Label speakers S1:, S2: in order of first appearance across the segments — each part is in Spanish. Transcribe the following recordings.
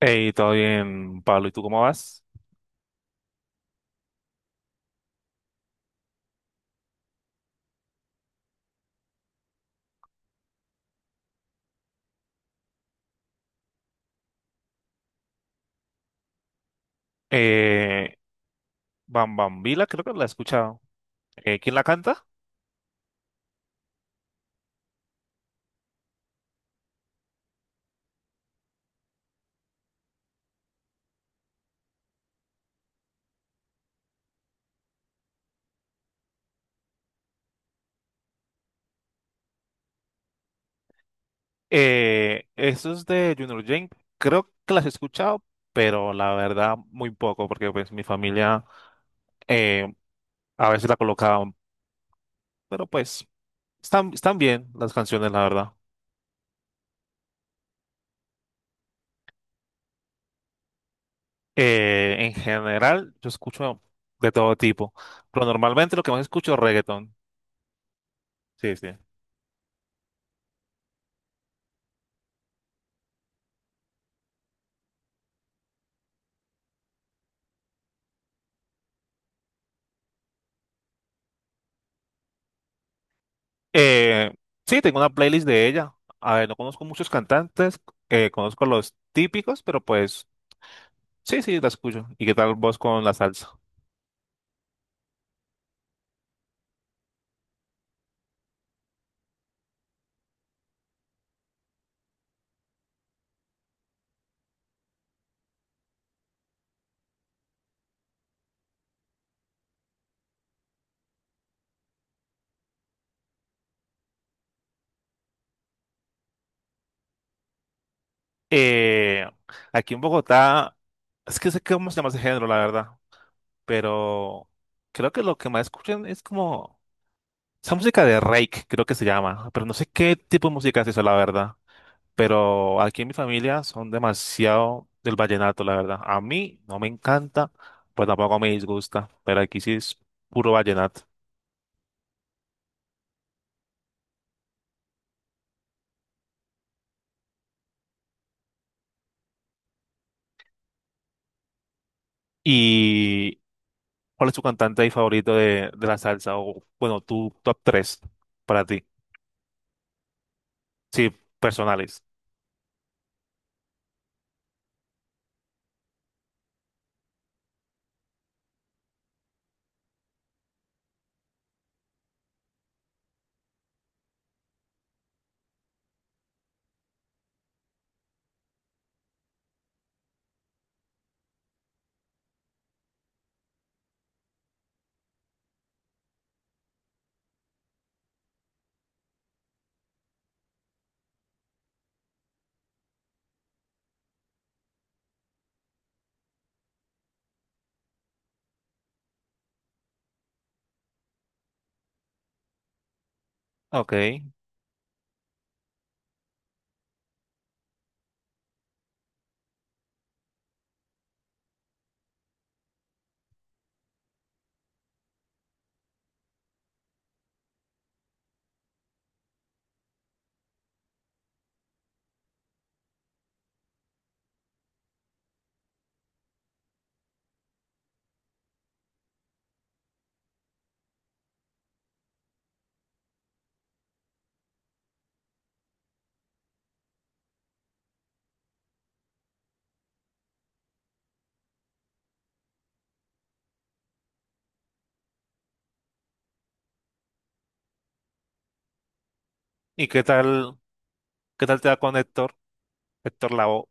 S1: Hey, todo bien, Pablo. ¿Y tú cómo vas? Eh, Bam Bam Vila, creo que la he escuchado. ¿Quién la canta? Eso es de Junior Jane. Creo que las he escuchado, pero la verdad muy poco, porque pues mi familia eh, a veces la colocaban, pero pues están bien las canciones, la verdad. En general, yo escucho de todo tipo, pero normalmente lo que más escucho es reggaetón. Sí, sí. Eh, sí, tengo una playlist de ella. A ver, no conozco muchos cantantes, conozco los típicos, pero pues sí, sí, la escucho. ¿Y qué tal vos con la salsa? Eh, aquí en Bogotá, es que sé cómo se llama ese género, la verdad, pero creo que lo que más escuchan es como esa música de Rake, creo que se llama, pero no sé qué tipo de música es eso, la verdad. Pero aquí en mi familia son demasiado del vallenato, la verdad. A mí no me encanta, pues tampoco me disgusta, pero aquí sí es puro vallenato. ¿Y cuál es tu cantante ahí favorito de la salsa? O bueno, tu top tres para ti. Sí, personales. Ok. ¿Y qué tal te da con Héctor? Héctor Lavoe.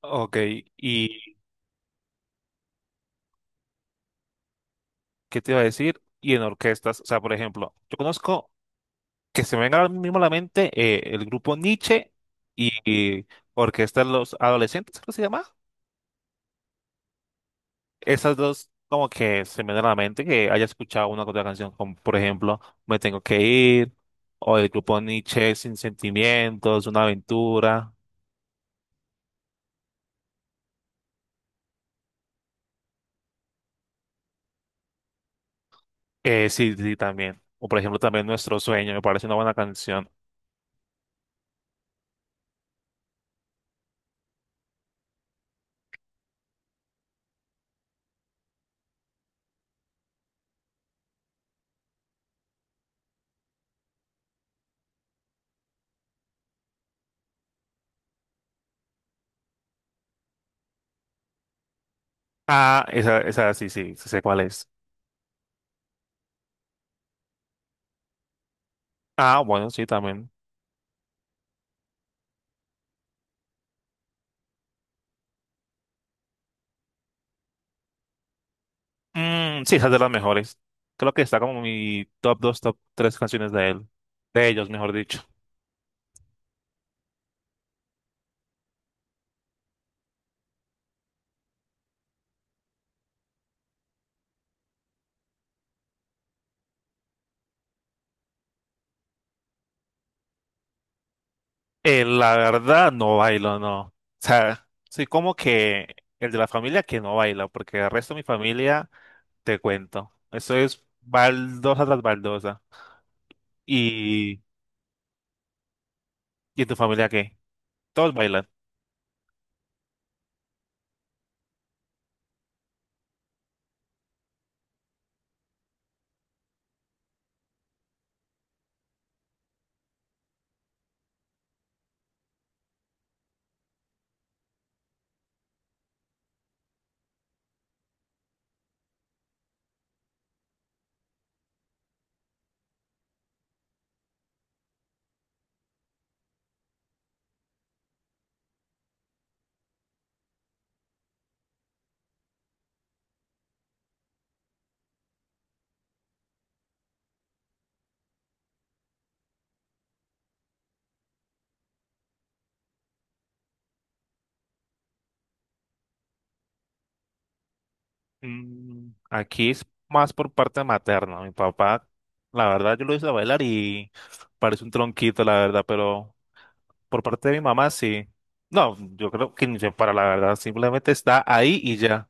S1: Ok. ¿Y qué te iba a decir? Y en orquestas, o sea, por ejemplo, yo conozco que se me venga ahora mismo a la mente el grupo Nietzsche y Orquesta de los Adolescentes, ¿cómo se llama? Esas dos como que se me vienen a la mente que haya escuchado una o otra canción, como por ejemplo Me Tengo que Ir, o el grupo Nietzsche Sin Sentimientos, Una Aventura, sí, sí, también. O por ejemplo también Nuestro Sueño, me parece una buena canción. Ah, esa sí, sí, sí sé cuál es. Ah, bueno, sí, también. Mm, sí, esa es de las mejores. Creo que está como mi top 2, top 3 canciones de él. De ellos, mejor dicho. La verdad, no bailo, no. O sea, soy como que el de la familia que no baila, porque el resto de mi familia, te cuento. Eso es baldosa tras baldosa. ¿Y, y en tu familia qué? Todos bailan. Mm, aquí es más por parte materna. Mi papá, la verdad, yo lo hice bailar y parece un tronquito, la verdad, pero… Por parte de mi mamá, sí. No, yo creo que ni se para la verdad, simplemente está ahí y ya.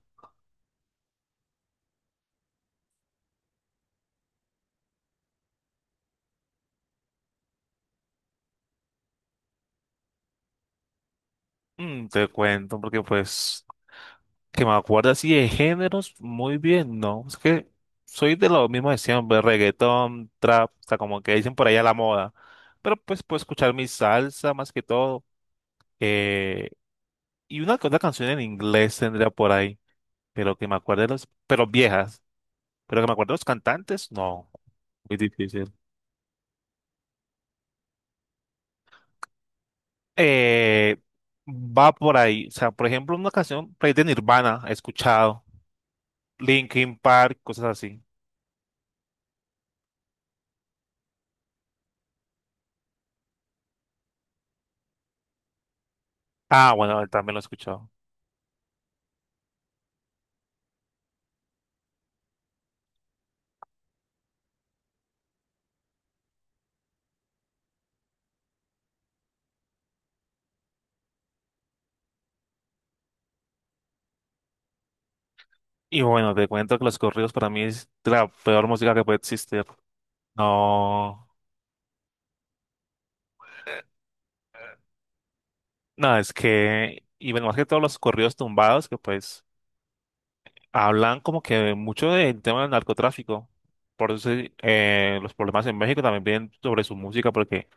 S1: Mm, te cuento, porque pues, que me acuerdo así de géneros, muy bien, ¿no? Es que soy de lo mismo de siempre, reggaetón, trap, hasta como que dicen por ahí a la moda. Pero pues puedo escuchar mi salsa más que todo. eh, y una que otra canción en inglés tendría por ahí, pero que me acuerde de los, pero viejas. Pero que me acuerde de los cantantes, no, muy difícil. eh, va por ahí. O sea, por ejemplo, una canción por ahí de Nirvana he escuchado, Linkin Park, cosas así. Ah, bueno, él también lo he escuchado. Y bueno, te cuento que los corridos para mí es de la peor música que puede existir. No, no, es que, y bueno, más que todos los corridos tumbados que pues hablan como que mucho del tema del narcotráfico. Por eso los problemas en México también vienen sobre su música porque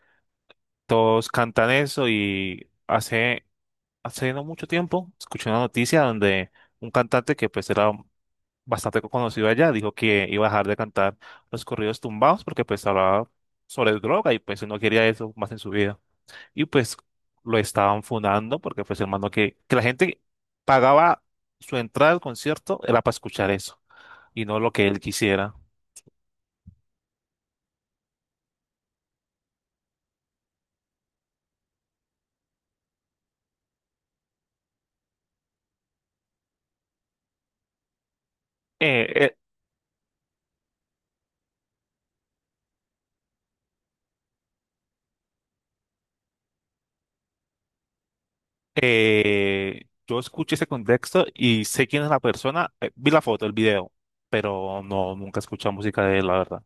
S1: todos cantan eso y hacen hace no mucho tiempo escuché una noticia donde un cantante que pues era bastante conocido allá dijo que iba a dejar de cantar los corridos tumbados porque pues hablaba sobre droga y pues él no quería eso más en su vida. Y pues lo estaban funando porque pues hermano que la gente pagaba su entrada al concierto era para escuchar eso y no lo que él quisiera. Eh, eh, yo escuché ese contexto y sé quién es la persona, vi la foto, el video, pero no, nunca escuché música de él, la verdad.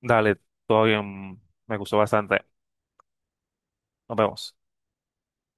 S1: Dale, todo bien, me gustó bastante. Nos vemos.